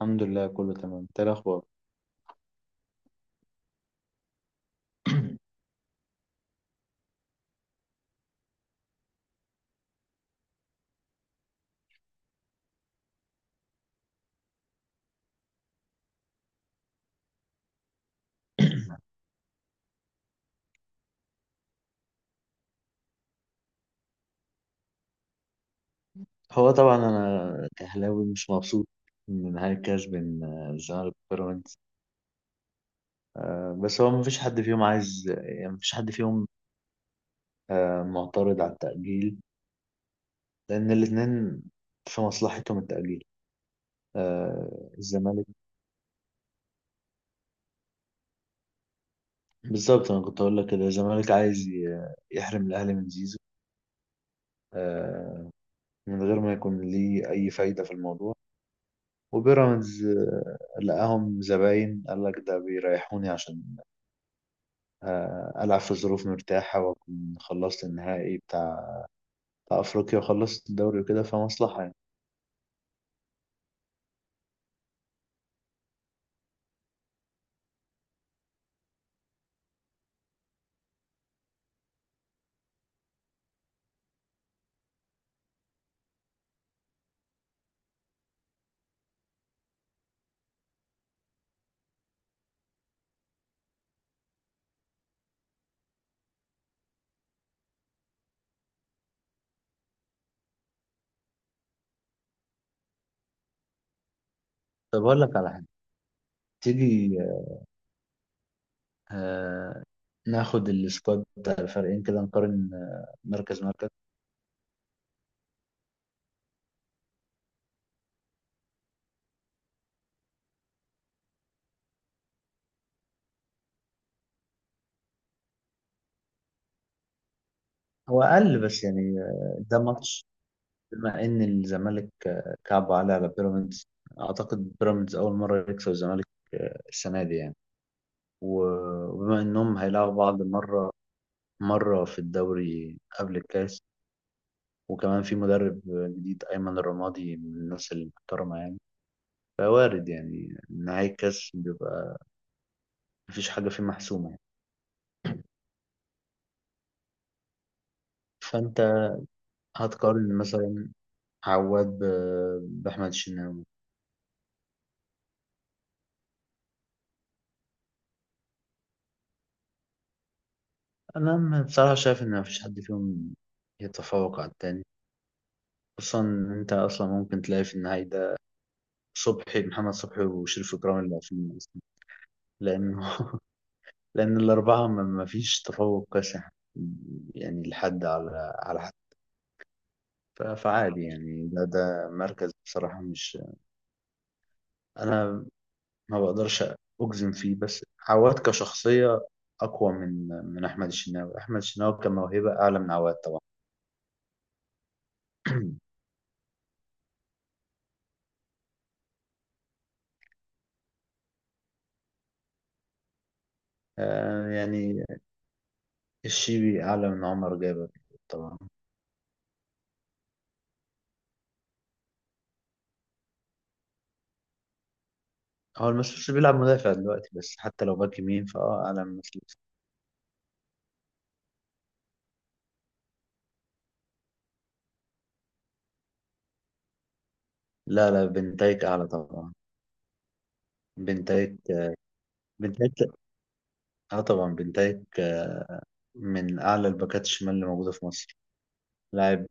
الحمد لله كله تمام. إنت إيه الاخبار؟ هو طبعا انا كهلاوي مش مبسوط من نهاية كاس بين الزمالك وبيراميدز. بس هو مفيش حد فيهم عايز، يعني، مفيش حد فيهم معترض على التأجيل، لأن الاتنين في مصلحتهم التأجيل. الزمالك بالظبط. أنا كنت هقول لك كده الزمالك عايز يحرم الأهلي من زيزو، آه، من غير ما يكون ليه أي فايدة في الموضوع. وبيراميدز لقاهم زباين، قال لك ده بيريحوني عشان ألعب في ظروف مرتاحة وأكون خلصت النهائي بتاع أفريقيا وخلصت الدوري وكده، فمصلحة يعني. طب أقول لك على حاجة، تيجي آه، ناخد السكواد بتاع الفريقين كده نقارن، مركز مركز. هو أقل بس يعني، ده ماتش بما إن الزمالك كعب عليه على بيراميدز. أعتقد بيراميدز أول مرة يكسب الزمالك السنة دي يعني. و- وبما إنهم هيلعبوا بعض مرة في الدوري قبل الكاس، وكمان في مدرب جديد أيمن الرمادي من الناس المحترمة يعني، فوارد يعني نهاية الكاس بيبقى مفيش حاجة فيه محسومة يعني. فأنت هتقارن مثلا عواد بأحمد الشناوي. بصراحة شايف إن مفيش حد فيهم يتفوق على التاني، خصوصا إن أنت أصلا ممكن تلاقي في النهاية ده محمد صبحي وشريف إكرامي اللي واقفين أصلا، لأنه لأن الأربعة ما فيش تفوق كاسح يعني، يعني لحد على فعادي يعني. ده مركز بصراحة مش، أنا ما بقدرش أجزم فيه، بس عواد كشخصية أقوى من أحمد الشناوي، أحمد الشناوي كموهبة أعلى من عواد طبعا. يعني الشيبي أعلى من عمر جابر طبعا. هو المسؤول بيلعب مدافع دلوقتي، بس حتى لو باك يمين فأه أعلى من مسؤول. لا، بنتايك أعلى طبعا. بنتايك. بنتايك، اه طبعا بنتايك من أعلى الباكات الشمال اللي موجودة في مصر لاعب.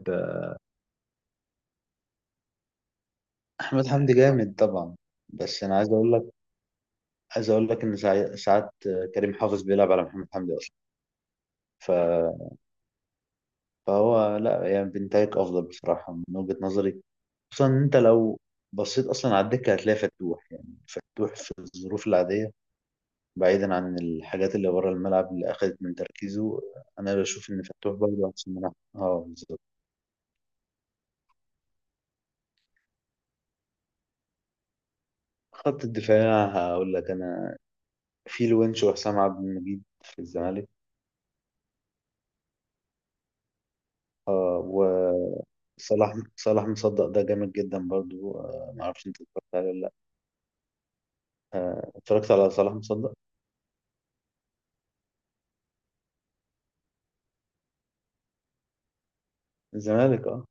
احمد حمدي جامد طبعا، بس انا عايز اقول لك، عايز اقول لك ان ساعات كريم حافظ بيلعب على محمد حمدي اصلا. ف... فهو لا يعني، بنتايك افضل بصراحه من وجهه نظري، خصوصا ان انت لو بصيت اصلا على الدكه هتلاقي فتوح، يعني فتوح في الظروف العاديه، بعيدا عن الحاجات اللي بره الملعب اللي اخذت من تركيزه، انا بشوف ان فتوح برضه احسن من أحمد. اه بالظبط. خط الدفاع هقول لك انا في الونش وحسام عبد المجيد في الزمالك. اه وصلاح، صلاح مصدق ده جامد جدا برضو. آه ما اعرفش انت اتفرجت عليه ولا لا. آه اتفرجت على صلاح مصدق الزمالك اه.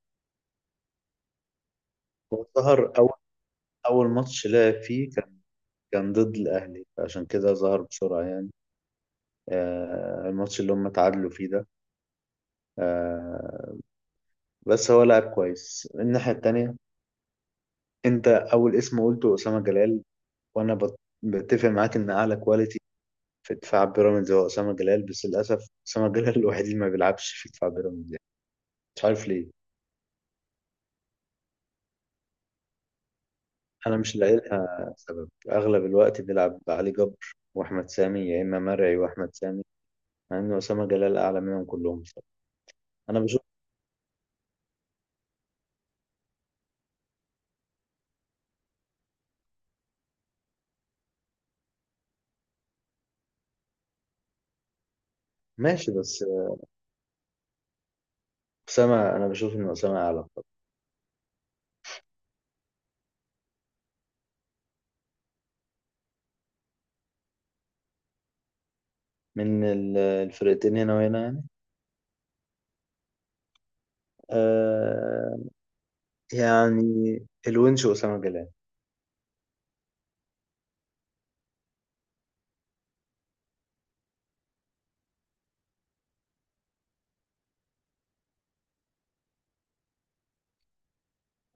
هو ظهر اول ماتش لعب فيه، كان ضد الاهلي عشان كده ظهر بسرعه يعني، آه الماتش اللي هم تعادلوا فيه ده. آه بس هو لاعب كويس. الناحيه التانيه، انت اول اسم قلته اسامه جلال، وانا بتفق معاك ان اعلى كواليتي في دفاع بيراميدز هو اسامه جلال، بس للاسف اسامه جلال الوحيد اللي ما بيلعبش في دفاع بيراميدز، مش عارف ليه. انا مش لاقي لها سبب. اغلب الوقت بنلعب علي جبر واحمد سامي، يا اما مرعي واحمد سامي، مع ان اسامه جلال اعلى منهم كلهم بصراحه. انا بشوف، ماشي بس اسامه، انا بشوف ان اسامه اعلى طبعا. من الفرقتين هنا وهنا يعني، آه يعني الونش واسامه جلال.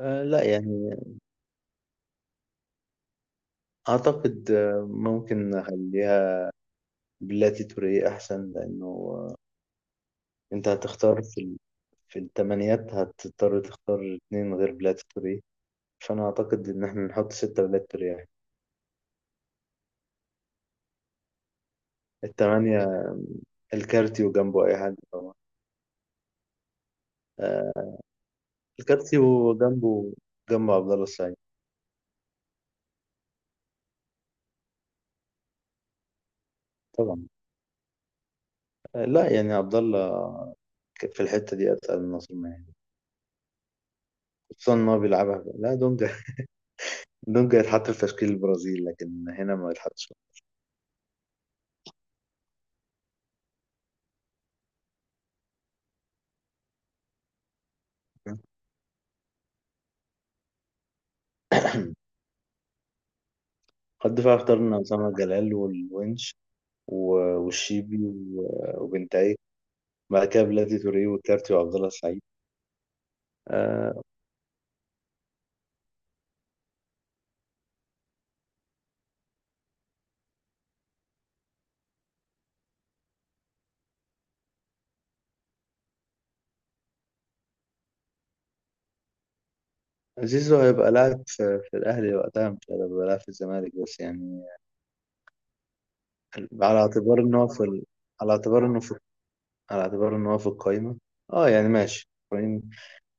لا يعني، اعتقد ممكن اخليها بلاتي توريه احسن، لانه انت هتختار في في الثمانيات، هتضطر تختار اتنين غير بلاتي توريه، فأنا أعتقد إن إحنا نحط ستة ولاد ترياح. التمانية، الكارتيو جنبه أي حد طبعا. آه الكارتيو جنبه، عبد الله السعيد طبعا. لا يعني، عبد الله في الحتة دي أتقل من ناصر ماهر، خصوصا إن هو بيلعبها. لا دونجا، دونجا يتحط في تشكيل البرازيل لكن هنا ما يتحطش. خط دفاع اخترنا أسامة جلال والونش و- والشيبي و- وبنتايج. بعد كده بلاتي توريه والكارتي وعبد الله السعيد. آه، زيزو هيبقى لاعب في, في الأهلي وقتها، مش هيبقى لاعب في الزمالك بس يعني، على اعتبار إن هو في على اعتبار إنه في، على اعتبار إن هو في القايمة. أه يعني ماشي.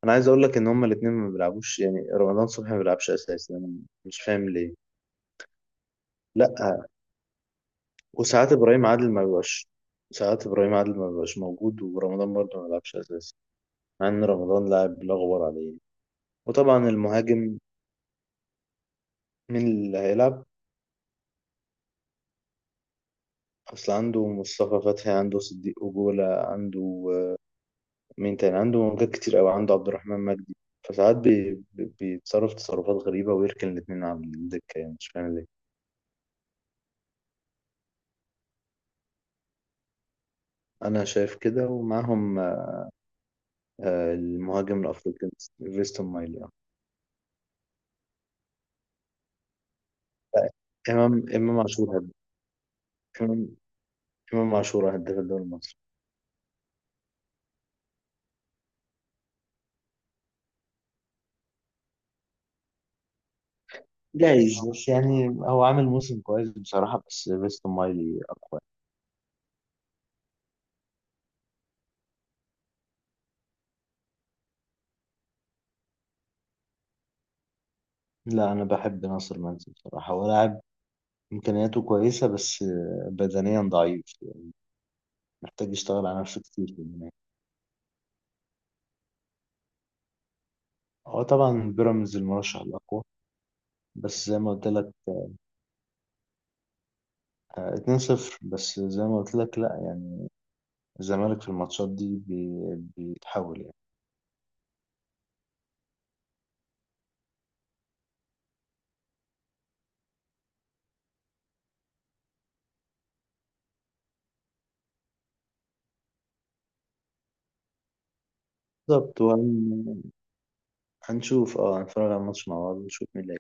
أنا عايز أقول لك إن هما الاتنين ما بيلعبوش، يعني رمضان صبحي ما بيلعبش أساسي، أنا مش فاهم ليه. لأ، وساعات إبراهيم عادل ما بيبقاش، ساعات إبراهيم عادل ما بيبقاش موجود، ورمضان برضه ما بيلعبش أساسي، مع إن رمضان لاعب لا غبار عليه. وطبعا المهاجم، مين اللي هيلعب؟ أصل عنده مصطفى فتحي، عنده صديق أجولة، عنده مين تاني، عنده موجات كتير قوي، عنده عبد الرحمن مجدي، فساعات بيتصرف تصرفات غريبة ويركن الاتنين على الدكة، يعني مش فاهم ليه. أنا شايف كده، ومعاهم المهاجم الأفريقي فيستون مايلي آه. لا، إمام عاشور هداف، إمام إمام عاشور هداف الدوري المصري جايز، بس يعني هو عامل موسم كويس بصراحة، بس فيستون مايلي أقوى. لا أنا بحب ناصر منسي بصراحة، هو لاعب إمكانياته كويسة، بس بدنيا ضعيف، محتاج يشتغل على نفسه كتير في المنافسة. هو طبعا بيراميدز المرشح الأقوى، بس زي ما قلت لك 2-0. بس زي ما قلت لك لا يعني، الزمالك في الماتشات دي بيتحول يعني. بالظبط، هنشوف، اه هنتفرج على الماتش مع بعض ونشوف مين اللي